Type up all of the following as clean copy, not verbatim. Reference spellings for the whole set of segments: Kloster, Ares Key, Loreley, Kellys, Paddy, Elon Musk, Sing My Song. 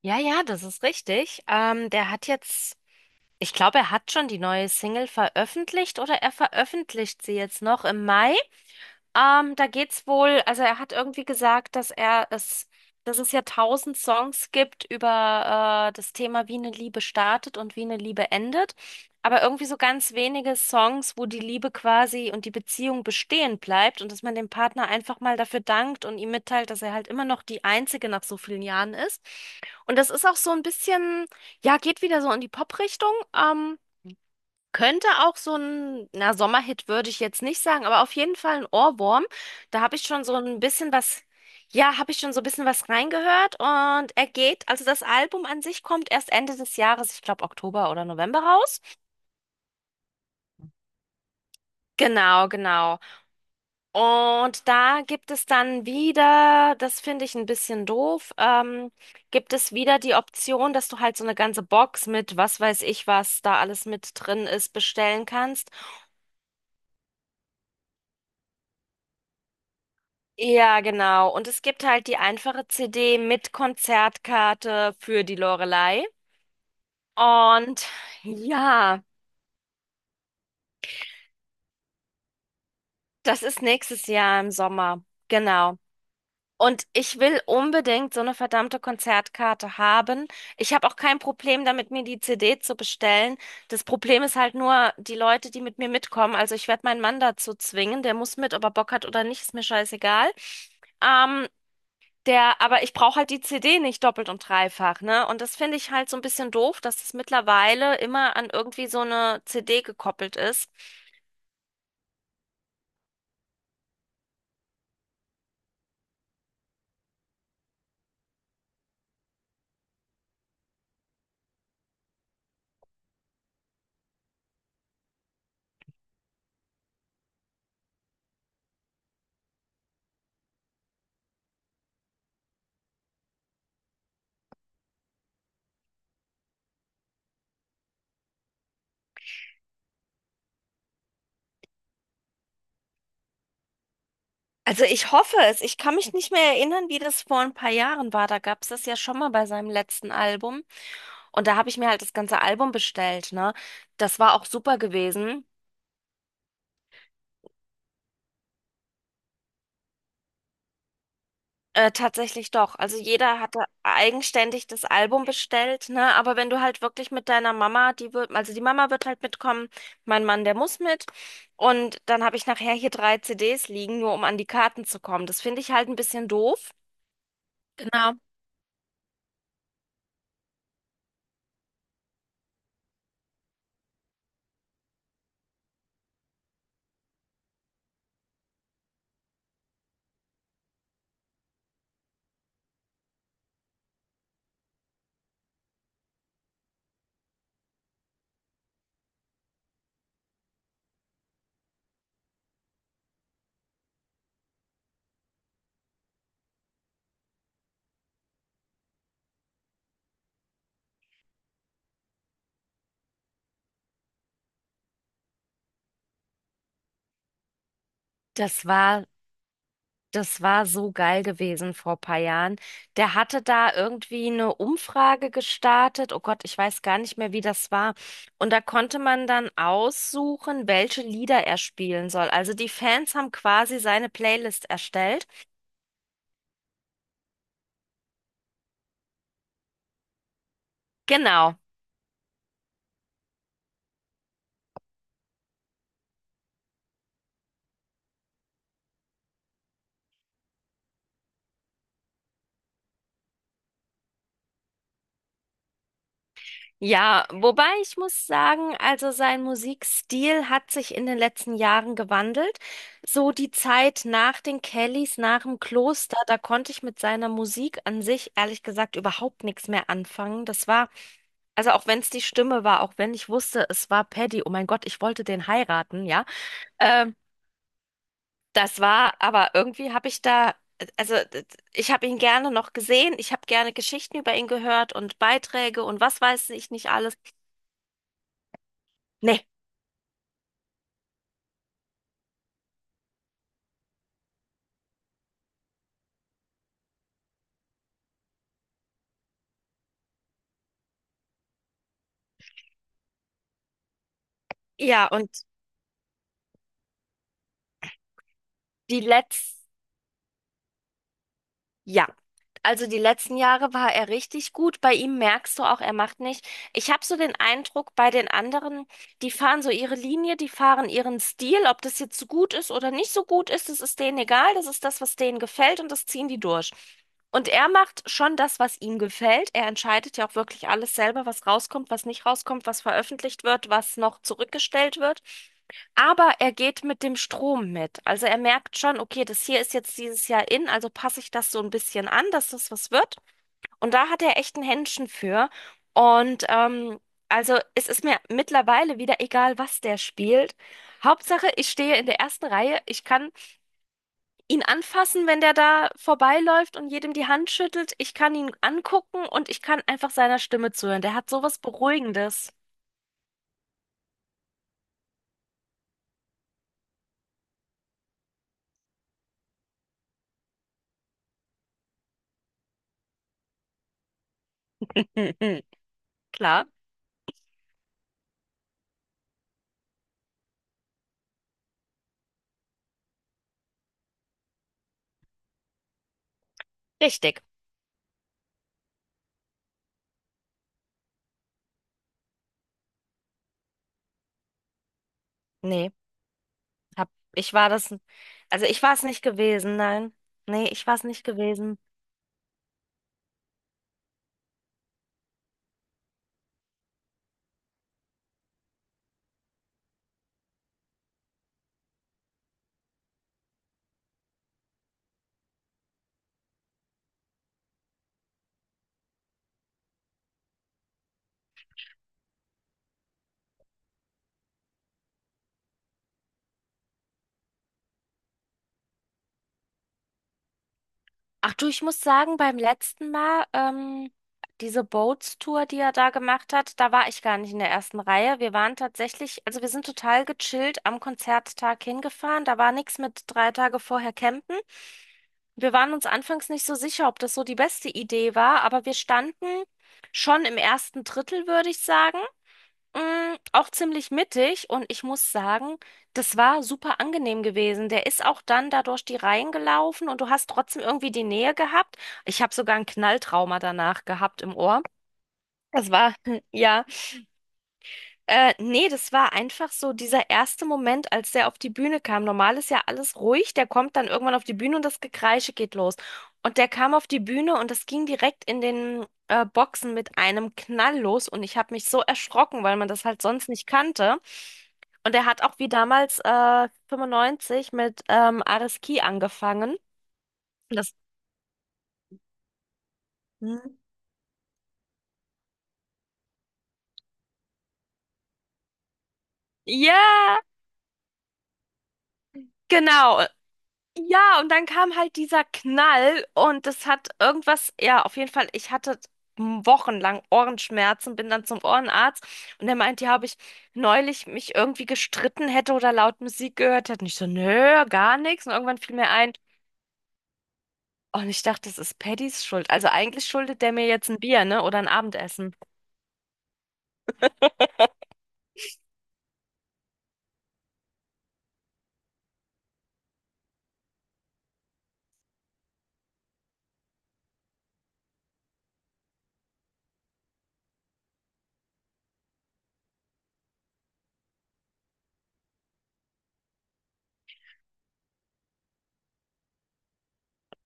Ja, ja, das ist richtig. Der hat jetzt, ich glaube, er hat schon die neue Single veröffentlicht oder er veröffentlicht sie jetzt noch im Mai. Da geht's wohl, also er hat irgendwie gesagt, dass er es, dass es ja tausend Songs gibt über das Thema, wie eine Liebe startet und wie eine Liebe endet, aber irgendwie so ganz wenige Songs, wo die Liebe quasi und die Beziehung bestehen bleibt und dass man dem Partner einfach mal dafür dankt und ihm mitteilt, dass er halt immer noch die Einzige nach so vielen Jahren ist. Und das ist auch so ein bisschen, ja, geht wieder so in die Pop-Richtung. Könnte auch so ein, na, Sommerhit würde ich jetzt nicht sagen, aber auf jeden Fall ein Ohrwurm. Da habe ich schon so ein bisschen was, ja, habe ich schon so ein bisschen was reingehört und er geht, also das Album an sich kommt erst Ende des Jahres, ich glaube Oktober oder November raus. Genau, genau. Und da gibt es dann wieder, das finde ich ein bisschen doof, gibt es wieder die Option, dass du halt so eine ganze Box mit was weiß ich was da alles mit drin ist bestellen kannst. Ja, genau. Und es gibt halt die einfache CD mit Konzertkarte für die Loreley. Und ja, das ist nächstes Jahr im Sommer. Genau. Und ich will unbedingt so eine verdammte Konzertkarte haben. Ich habe auch kein Problem damit, mir die CD zu bestellen. Das Problem ist halt nur die Leute, die mit mir mitkommen. Also ich werde meinen Mann dazu zwingen. Der muss mit, ob er Bock hat oder nicht, ist mir scheißegal. Ähm, Der, aber ich brauche halt die CD nicht doppelt und dreifach, ne? Und das finde ich halt so ein bisschen doof, dass es mittlerweile immer an irgendwie so eine CD gekoppelt ist. Also ich hoffe es. Ich kann mich nicht mehr erinnern, wie das vor ein paar Jahren war. Da gab es das ja schon mal bei seinem letzten Album. Und da habe ich mir halt das ganze Album bestellt, ne? Das war auch super gewesen. Tatsächlich doch. Also jeder hatte eigenständig das Album bestellt, ne? Aber wenn du halt wirklich mit deiner Mama, die wird, also die Mama wird halt mitkommen, mein Mann, der muss mit. Und dann habe ich nachher hier drei CDs liegen, nur um an die Karten zu kommen. Das finde ich halt ein bisschen doof. Genau. Das war Das war so geil gewesen vor paar Jahren. Der hatte da irgendwie eine Umfrage gestartet. Oh Gott, ich weiß gar nicht mehr, wie das war. Und da konnte man dann aussuchen, welche Lieder er spielen soll. Also die Fans haben quasi seine Playlist erstellt. Genau. Ja, wobei ich muss sagen, also sein Musikstil hat sich in den letzten Jahren gewandelt. So die Zeit nach den Kellys, nach dem Kloster, da konnte ich mit seiner Musik an sich ehrlich gesagt überhaupt nichts mehr anfangen. Das war, also auch wenn es die Stimme war, auch wenn ich wusste, es war Paddy, oh mein Gott, ich wollte den heiraten, ja. Ähm, das war, aber irgendwie habe ich da, also d- ich habe ihn gerne noch gesehen, ich habe gerne Geschichten über ihn gehört und Beiträge und was weiß ich nicht alles. Nee, ja, und die letzten, ja, die letzten Jahre war er richtig gut. Bei ihm merkst du auch, er macht nicht. Ich habe so den Eindruck, bei den anderen, die fahren so ihre Linie, die fahren ihren Stil, ob das jetzt so gut ist oder nicht so gut ist, das ist denen egal, das ist das, was denen gefällt und das ziehen die durch. Und er macht schon das, was ihm gefällt. Er entscheidet ja auch wirklich alles selber, was rauskommt, was nicht rauskommt, was veröffentlicht wird, was noch zurückgestellt wird. Aber er geht mit dem Strom mit. Also er merkt schon, okay, das hier ist jetzt dieses Jahr in, also passe ich das so ein bisschen an, dass das was wird. Und da hat er echt ein Händchen für. Und also es ist mir mittlerweile wieder egal, was der spielt. Hauptsache, ich stehe in der ersten Reihe. Ich kann ihn anfassen, wenn der da vorbeiläuft und jedem die Hand schüttelt. Ich kann ihn angucken und ich kann einfach seiner Stimme zuhören. Der hat sowas Beruhigendes. Klar, richtig. Nee. Hab, ich war das, also ich war es nicht gewesen, nein. Nee, ich war es nicht gewesen. Ach du, ich muss sagen, beim letzten Mal, diese Boats-Tour, die er da gemacht hat, da war ich gar nicht in der ersten Reihe. Wir waren tatsächlich, also wir sind total gechillt am Konzerttag hingefahren. Da war nichts mit 3 Tage vorher campen. Wir waren uns anfangs nicht so sicher, ob das so die beste Idee war, aber wir standen schon im ersten Drittel, würde ich sagen. Auch ziemlich mittig und ich muss sagen, das war super angenehm gewesen. Der ist auch dann da durch die Reihen gelaufen und du hast trotzdem irgendwie die Nähe gehabt. Ich habe sogar ein Knalltrauma danach gehabt im Ohr. Das war, ja. Nee, das war einfach so dieser erste Moment, als der auf die Bühne kam. Normal ist ja alles ruhig, der kommt dann irgendwann auf die Bühne und das Gekreische geht los. Und der kam auf die Bühne und das ging direkt in den Boxen mit einem Knall los und ich habe mich so erschrocken, weil man das halt sonst nicht kannte. Und er hat auch wie damals 95 mit Ares Key angefangen. Das Hm? Ja, genau. Ja, und dann kam halt dieser Knall und das hat irgendwas, ja, auf jeden Fall, ich hatte wochenlang Ohrenschmerzen, bin dann zum Ohrenarzt und der meint ja, habe ich neulich mich irgendwie gestritten hätte oder laut Musik gehört hätte. Und ich so, nö, gar nichts. Und irgendwann fiel mir ein, oh, und ich dachte, das ist Paddys Schuld. Also eigentlich schuldet der mir jetzt ein Bier, ne, oder ein Abendessen.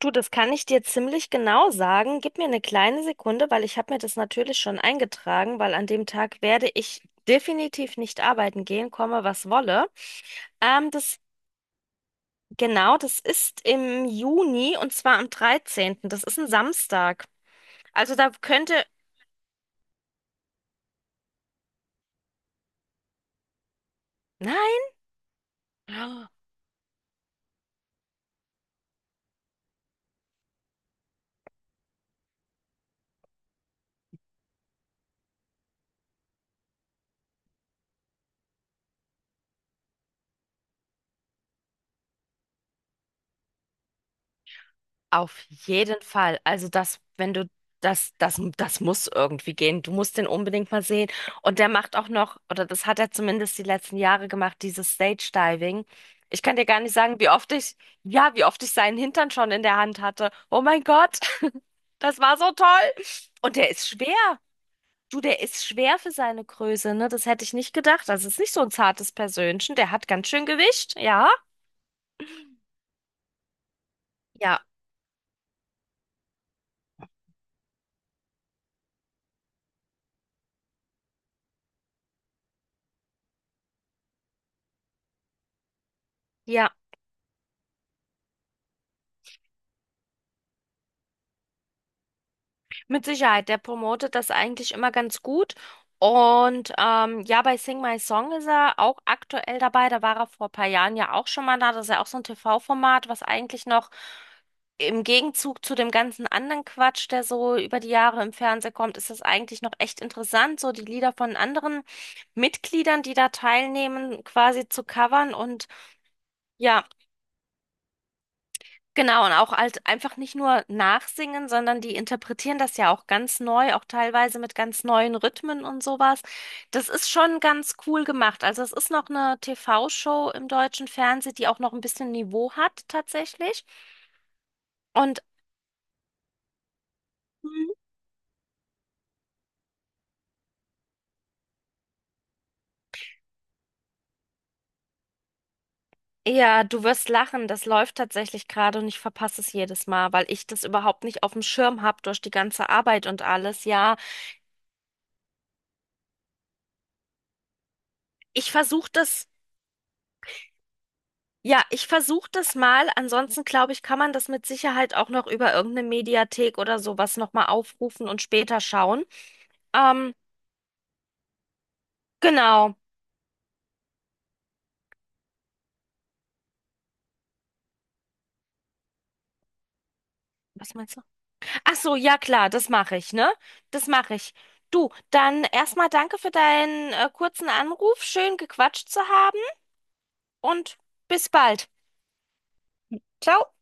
Du, das kann ich dir ziemlich genau sagen. Gib mir eine kleine Sekunde, weil ich habe mir das natürlich schon eingetragen, weil an dem Tag werde ich definitiv nicht arbeiten gehen, komme was wolle. Das genau, das ist im Juni und zwar am dreizehnten. Das ist ein Samstag. Also da könnte, nein. Auf jeden Fall. Also das, wenn du das muss irgendwie gehen. Du musst den unbedingt mal sehen. Und der macht auch noch, oder das hat er zumindest die letzten Jahre gemacht, dieses Stage Diving. Ich kann dir gar nicht sagen, wie oft ich seinen Hintern schon in der Hand hatte. Oh mein Gott, das war so toll. Und der ist schwer. Du, der ist schwer für seine Größe, ne? Das hätte ich nicht gedacht. Das ist nicht so ein zartes Persönchen. Der hat ganz schön Gewicht. Ja, ja, ja. Mit Sicherheit, der promotet das eigentlich immer ganz gut. Und ja, bei Sing My Song ist er auch aktuell dabei. Da war er vor ein paar Jahren ja auch schon mal da. Das ist ja auch so ein TV-Format, was eigentlich noch im Gegenzug zu dem ganzen anderen Quatsch, der so über die Jahre im Fernsehen kommt, ist das eigentlich noch echt interessant, so die Lieder von anderen Mitgliedern, die da teilnehmen, quasi zu covern. Und ja, genau, und auch halt einfach nicht nur nachsingen, sondern die interpretieren das ja auch ganz neu, auch teilweise mit ganz neuen Rhythmen und sowas. Das ist schon ganz cool gemacht. Also es ist noch eine TV-Show im deutschen Fernsehen, die auch noch ein bisschen Niveau hat tatsächlich. Und Mhm. Ja, du wirst lachen, das läuft tatsächlich gerade und ich verpasse es jedes Mal, weil ich das überhaupt nicht auf dem Schirm habe durch die ganze Arbeit und alles. Ja, ich versuche das Ja, ich versuche das mal. Ansonsten glaube ich, kann man das mit Sicherheit auch noch über irgendeine Mediathek oder sowas nochmal aufrufen und später schauen. Ähm, genau. Was meinst du? Ach so, ja klar, das mache ich, ne? Das mache ich. Du, dann erstmal danke für deinen kurzen Anruf. Schön gequatscht zu haben und bis bald. Ciao.